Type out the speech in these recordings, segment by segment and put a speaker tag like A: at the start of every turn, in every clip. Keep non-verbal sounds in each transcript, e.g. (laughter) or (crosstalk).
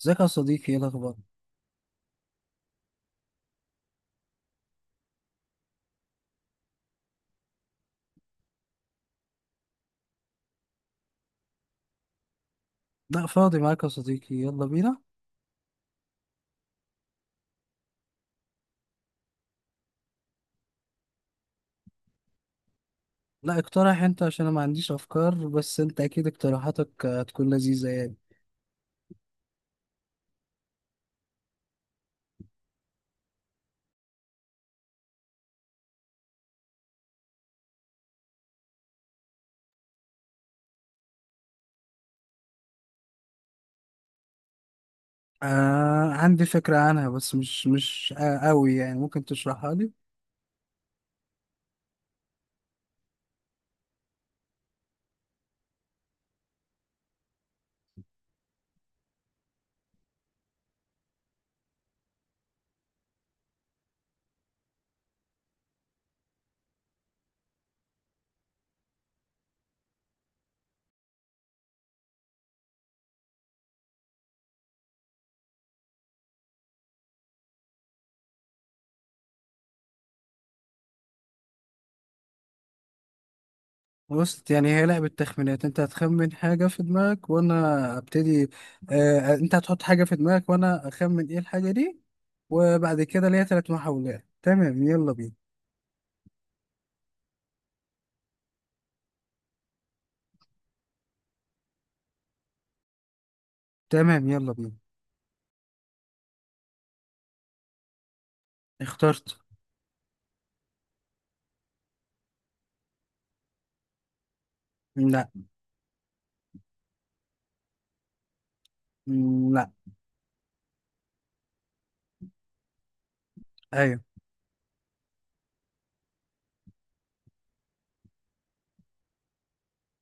A: ازيك يا صديقي؟ ايه الاخبار؟ لا فاضي معاك يا صديقي، يلا بينا. لا اقترح انت عشان انا ما عنديش افكار، بس انت اكيد اقتراحاتك هتكون لذيذة يعني. آه، عندي فكرة عنها بس مش آه قوي يعني، ممكن تشرحها لي؟ بص يعني هي لعبة تخمينات، انت هتخمن حاجة في دماغك وانا ابتدي. اه، انت هتحط حاجة في دماغك وانا اخمن ايه الحاجة دي، وبعد كده ليا ثلاث محاولات. تمام يلا بينا. تمام يلا بينا. اخترت. لا. لا. ايوه.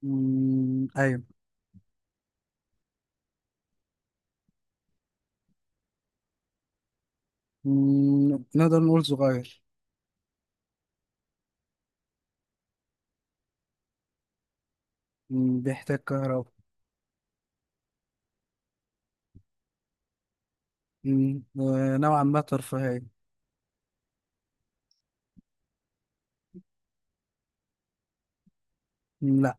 A: ايوه. نقدر نقول صغير. بيحتاج كهرباء. نوعا ما ترفيهية. مم، لا.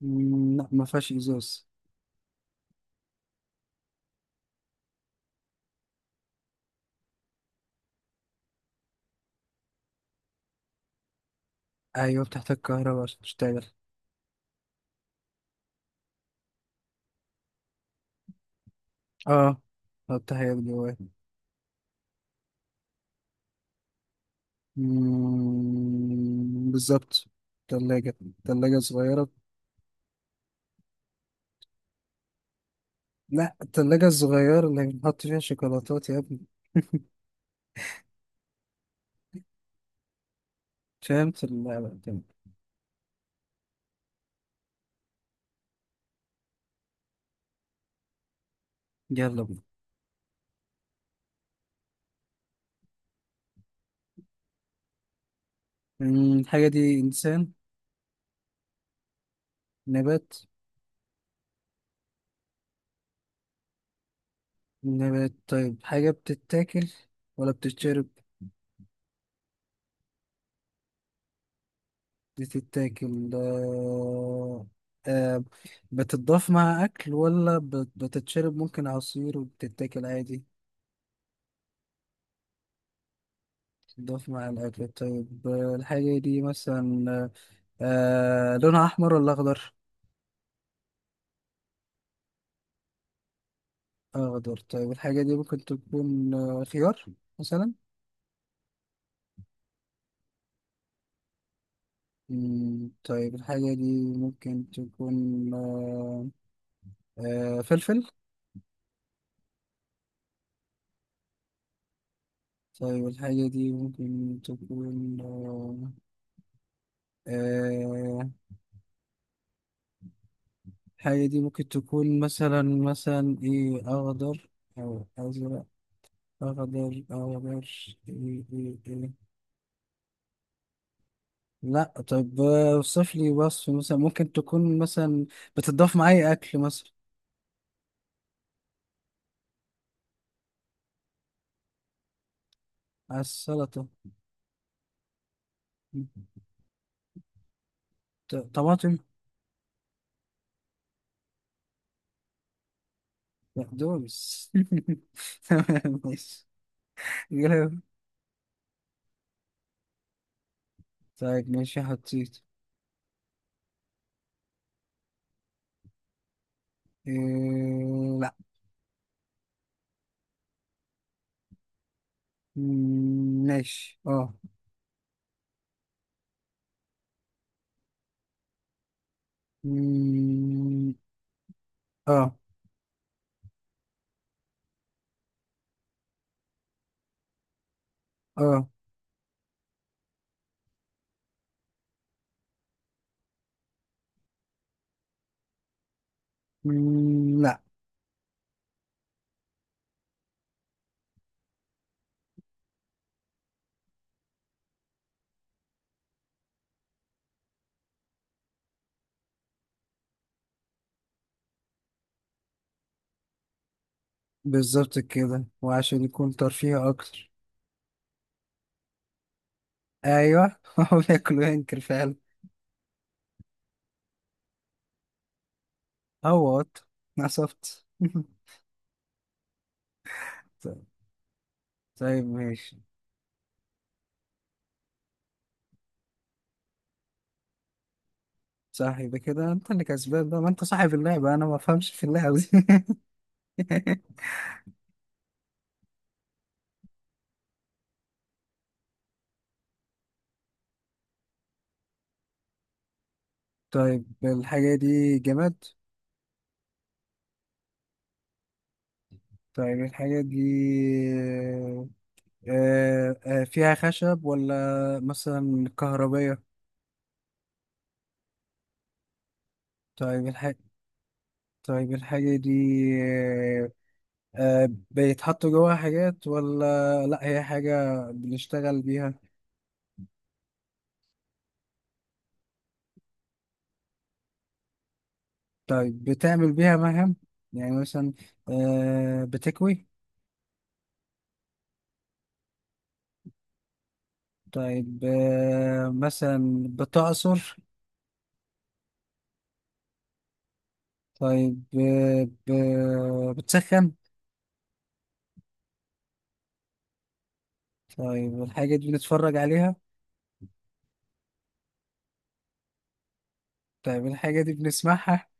A: مم، لا ما فيهاش ازاز. ايوه بتحتاج كهرباء عشان تشتغل. اه بتحتاج جواه. بالظبط. تلاجة. تلاجة صغيرة. لا، التلاجة الصغيرة اللي بنحط فيها شوكولاتات يا ابني. فهمت اللعبة تمام. يلا بينا. الحاجة دي إنسان؟ نبات؟ نبات طيب، حاجة بتتاكل ولا بتتشرب؟ بتتاكل. آه... بتتضاف مع أكل ولا بتتشرب ممكن عصير، وبتتاكل عادي؟ بتتضاف مع الأكل طيب، الحاجة دي مثلا آه، لونها أحمر ولا أخضر؟ أخضر طيب، الحاجة دي ممكن تكون آه، خيار مثلا؟ مم، طيب الحاجة دي ممكن تكون آه، فلفل؟ طيب الحاجة دي ممكن تكون آه، الحاجة دي ممكن تكون مثلا، إيه، أخضر أو أزرق؟ أخضر أخضر. إيه إيه إيه. لا طب، اوصف لي وصف، مثلا ممكن تكون مثلا بتضاف مع أي أكل مثلا؟ السلطة. طماطم؟ بقدونس (laughs) تمام ماشي. جرام. طيب ماشي حطيت. إيه؟ لا. ماشي اه. مم، اه. اه. مم، لا. بالظبط كده، وعشان يكون ترفيه اكتر. ايوه (laughs) هو بياكل وينكر فعلا. هو قط، نصبت (laughs) طيب. طيب ماشي. صح يبقى كده انت اللي كسبان بقى، ما انت صاحب اللعبة، انا ما بفهمش في اللعبة دي (laughs) طيب الحاجة دي جماد؟ طيب الحاجة دي، آه، فيها خشب ولا مثلا كهربية؟ طيب الحاجة، طيب الحاجة دي، آه، بيتحط جواها حاجات ولا لأ، هي حاجة بنشتغل بيها؟ طيب بتعمل بيها مهام، يعني مثلا بتكوي؟ طيب مثلا بتعصر؟ طيب بتسخن؟ طيب الحاجة دي بنتفرج عليها؟ طيب الحاجة دي بنسمعها؟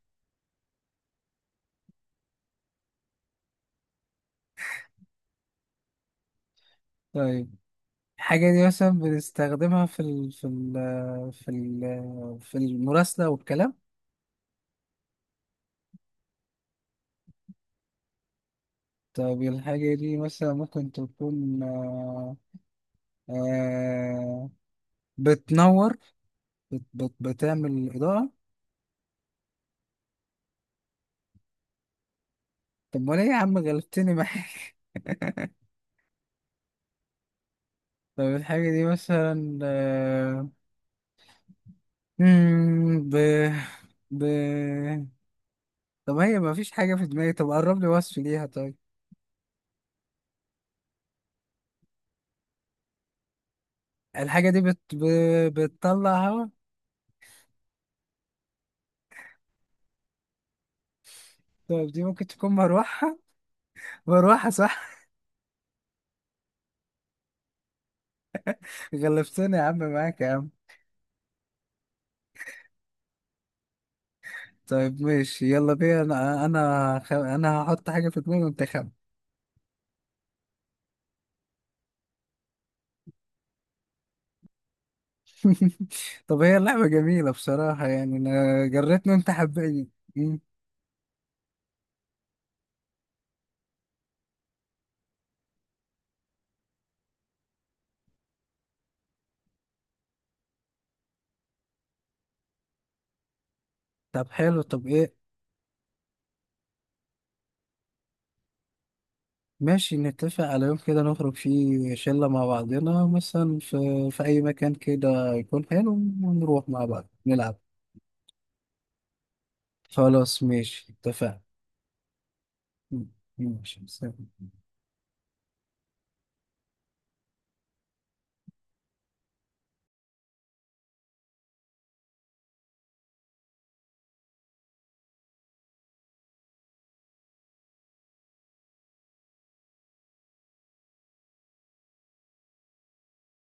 A: طيب الحاجة دي مثلا بنستخدمها في المراسلة والكلام؟ طيب الحاجة دي مثلا ممكن تكون آه... بتنور، بتعمل إضاءة؟ طب ولا إيه يا عم، غلبتني معاك (laughs) طب الحاجة دي مثلا مم، ب... ب... طب هي مفيش حاجة في دماغي، طب قرب لي وصف ليها طيب. الحاجة دي بتطلع هوا؟ طيب دي ممكن تكون مروحة؟ (laughs) مروحة صح (laughs) غلبتني يا عم، معاك يا عم. طيب ماشي يلا بينا، انا انا هحط حاجة في دماغي وانت خم (laughs) طب هي اللعبة جميلة بصراحة يعني، انا جريتني وانت حبيتني. مم. طب حلو، طب ايه؟ ماشي نتفق على يوم كده نخرج فيه شلة مع بعضنا، مثلا في في اي مكان كده يكون حلو، ونروح مع بعض نلعب. خلاص ماشي اتفقنا. مم. ماشي سلام.